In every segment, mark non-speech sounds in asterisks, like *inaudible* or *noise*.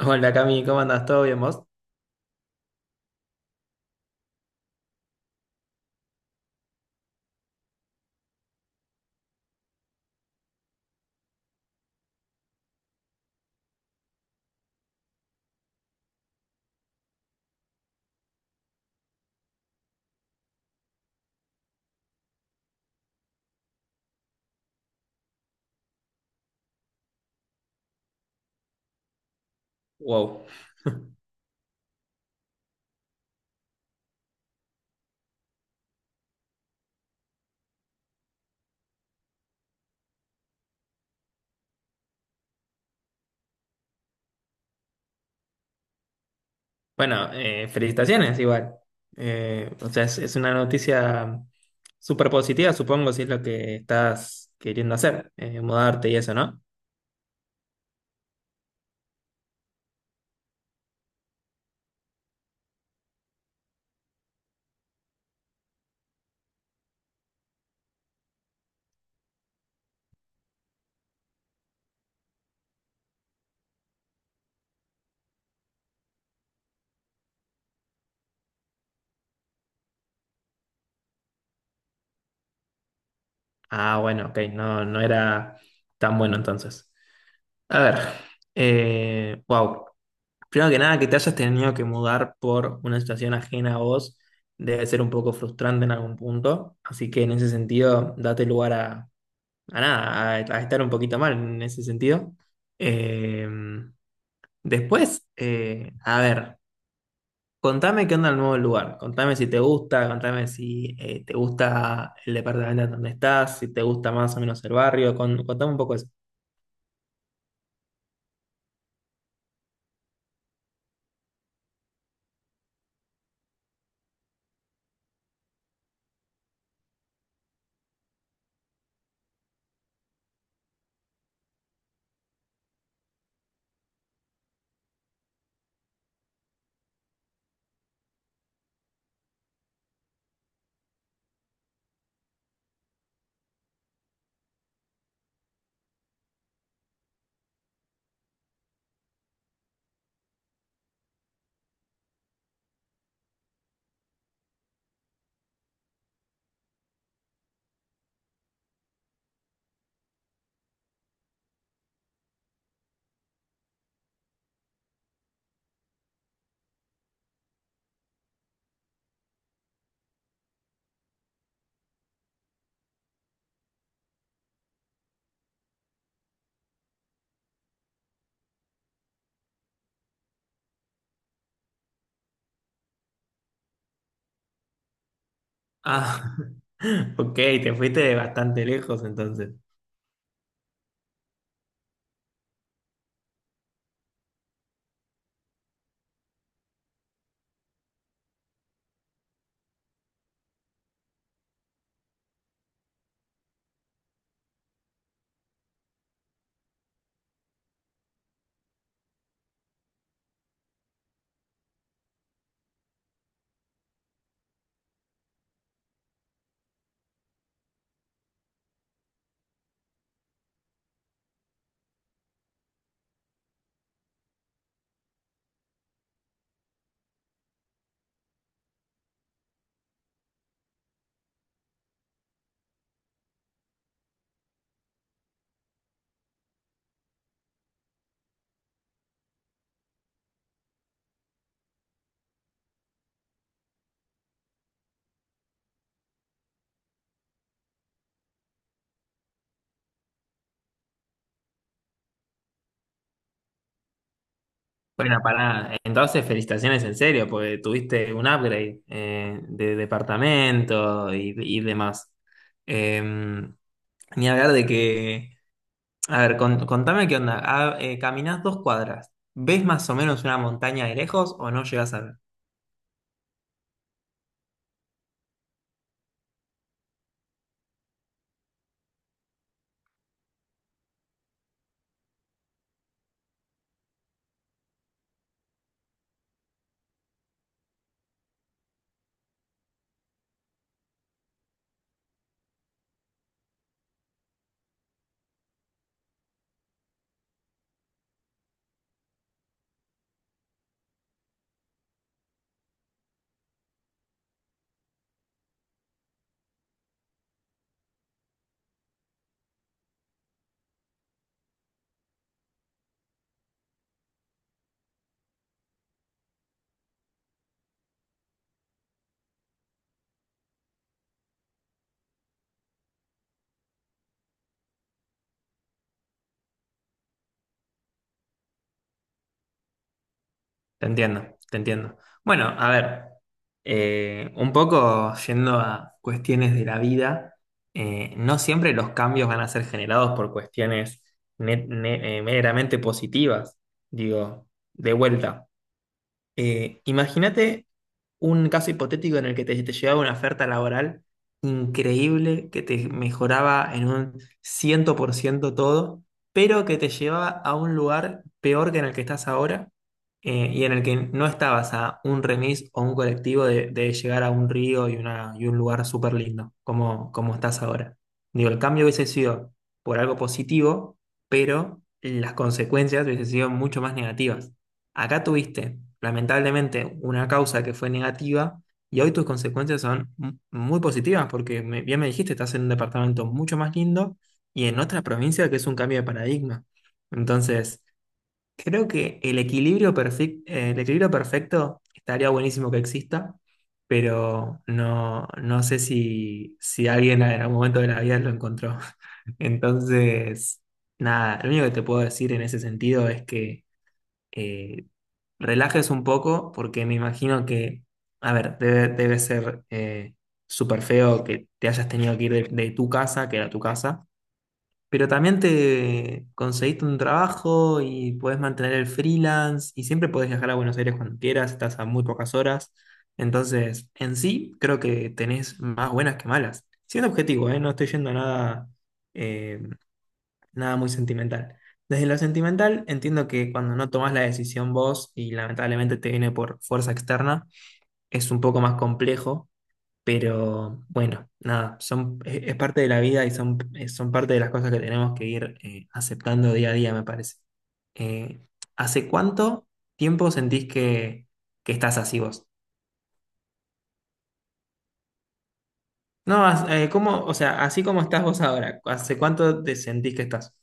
Hola Cami, ¿cómo andas? ¿Todo bien vos? Wow. Bueno, felicitaciones igual. Es una noticia súper positiva, supongo, si es lo que estás queriendo hacer, mudarte y eso, ¿no? Ah, bueno, ok, no era tan bueno entonces. A ver, wow. Primero que nada, que te hayas tenido que mudar por una situación ajena a vos debe ser un poco frustrante en algún punto, así que en ese sentido, date lugar a nada, a estar un poquito mal en ese sentido. Eh, después, a ver, contame qué onda el nuevo lugar, contame si te gusta, contame si te gusta el departamento en donde estás, si te gusta más o menos el barrio, contame un poco eso. Ah, *laughs* ok, te fuiste bastante lejos entonces. Bueno, para entonces felicitaciones en serio, porque tuviste un upgrade de departamento y demás. Eh, ni hablar de que a ver, contame qué onda. Ah, caminás dos cuadras. ¿Ves más o menos una montaña de lejos o no llegas a ver? Te entiendo, te entiendo. Bueno, a ver, un poco yendo a cuestiones de la vida, no siempre los cambios van a ser generados por cuestiones meramente positivas. Digo, de vuelta. Imagínate un caso hipotético en el que te llegaba una oferta laboral increíble que te mejoraba en un ciento por ciento todo, pero que te llevaba a un lugar peor que en el que estás ahora y en el que no estabas a un remis o un colectivo de llegar a un río y, una, y un lugar súper lindo, como, como estás ahora. Digo, el cambio hubiese sido por algo positivo, pero las consecuencias hubiesen sido mucho más negativas. Acá tuviste, lamentablemente, una causa que fue negativa y hoy tus consecuencias son muy positivas porque bien me dijiste, estás en un departamento mucho más lindo y en otra provincia que es un cambio de paradigma. Entonces, creo que el equilibrio perfecto estaría buenísimo que exista, pero no, no sé si, si alguien en algún momento de la vida lo encontró. *laughs* Entonces, nada, lo único que te puedo decir en ese sentido es que eh, relajes un poco, porque me imagino que, a ver, debe, debe ser súper feo que te hayas tenido que ir de tu casa, que era tu casa, pero también te conseguiste un trabajo y puedes mantener el freelance y siempre puedes viajar a Buenos Aires cuando quieras, estás a muy pocas horas. Entonces, en sí, creo que tenés más buenas que malas. Siendo objetivo, ¿eh? No estoy yendo a nada eh, nada muy sentimental. Desde lo sentimental, entiendo que cuando no tomas la decisión vos y lamentablemente te viene por fuerza externa, es un poco más complejo, pero bueno, nada, son, es parte de la vida y son, son parte de las cosas que tenemos que ir aceptando día a día, me parece. Eh, ¿Hace cuánto tiempo sentís que estás así vos? No, ¿cómo, o sea, así como estás vos ahora, ¿hace cuánto te sentís que estás?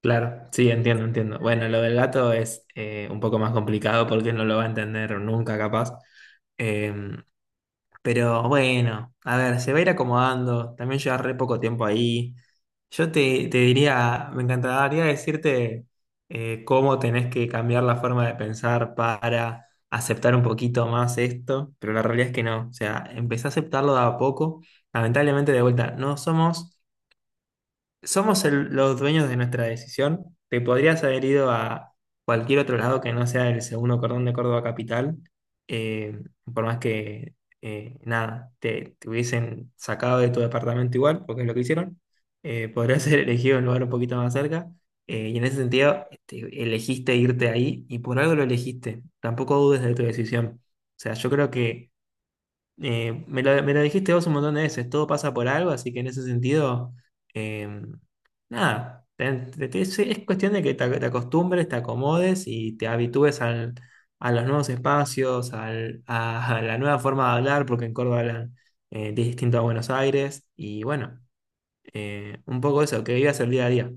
Claro, sí, entiendo, entiendo. Bueno, lo del gato es un poco más complicado porque no lo va a entender nunca, capaz. Eh, pero bueno, a ver, se va a ir acomodando. También lleva re poco tiempo ahí. Yo te, te diría, me encantaría decirte cómo tenés que cambiar la forma de pensar para aceptar un poquito más esto, pero la realidad es que no. O sea, empecé a aceptarlo de a poco. Lamentablemente, de vuelta, no somos somos los dueños de nuestra decisión. Te podrías haber ido a cualquier otro lado que no sea el segundo cordón de Córdoba Capital, eh, por más que, nada, te hubiesen sacado de tu departamento igual, porque es lo que hicieron. Podrías haber *laughs* elegido un lugar un poquito más cerca. Y en ese sentido, este, elegiste irte ahí y por algo lo elegiste. Tampoco dudes de tu decisión. O sea, yo creo que me la dijiste vos un montón de veces, todo pasa por algo, así que en ese sentido, eh, nada, es cuestión de que te, te acostumbres, te acomodes y te habitúes a los nuevos espacios, a la nueva forma de hablar, porque en Córdoba hablan distinto a Buenos Aires, y bueno, un poco eso, que vivas el día a día.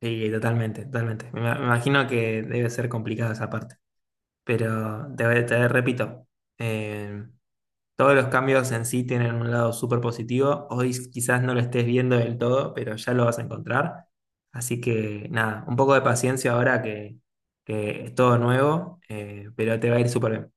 Sí, totalmente, totalmente. Me, me imagino que debe ser complicado esa parte, pero te repito. em, Todos los cambios en sí tienen un lado súper positivo. Hoy quizás no lo estés viendo del todo, pero ya lo vas a encontrar. Así que nada, un poco de paciencia ahora que es todo nuevo, pero te va a ir súper bien.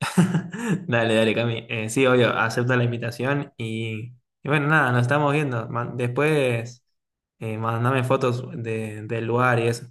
*laughs* Dale, dale, Cami. Sí, obvio, acepta la invitación y bueno, nada, nos estamos viendo. Después, mandame fotos del lugar y eso.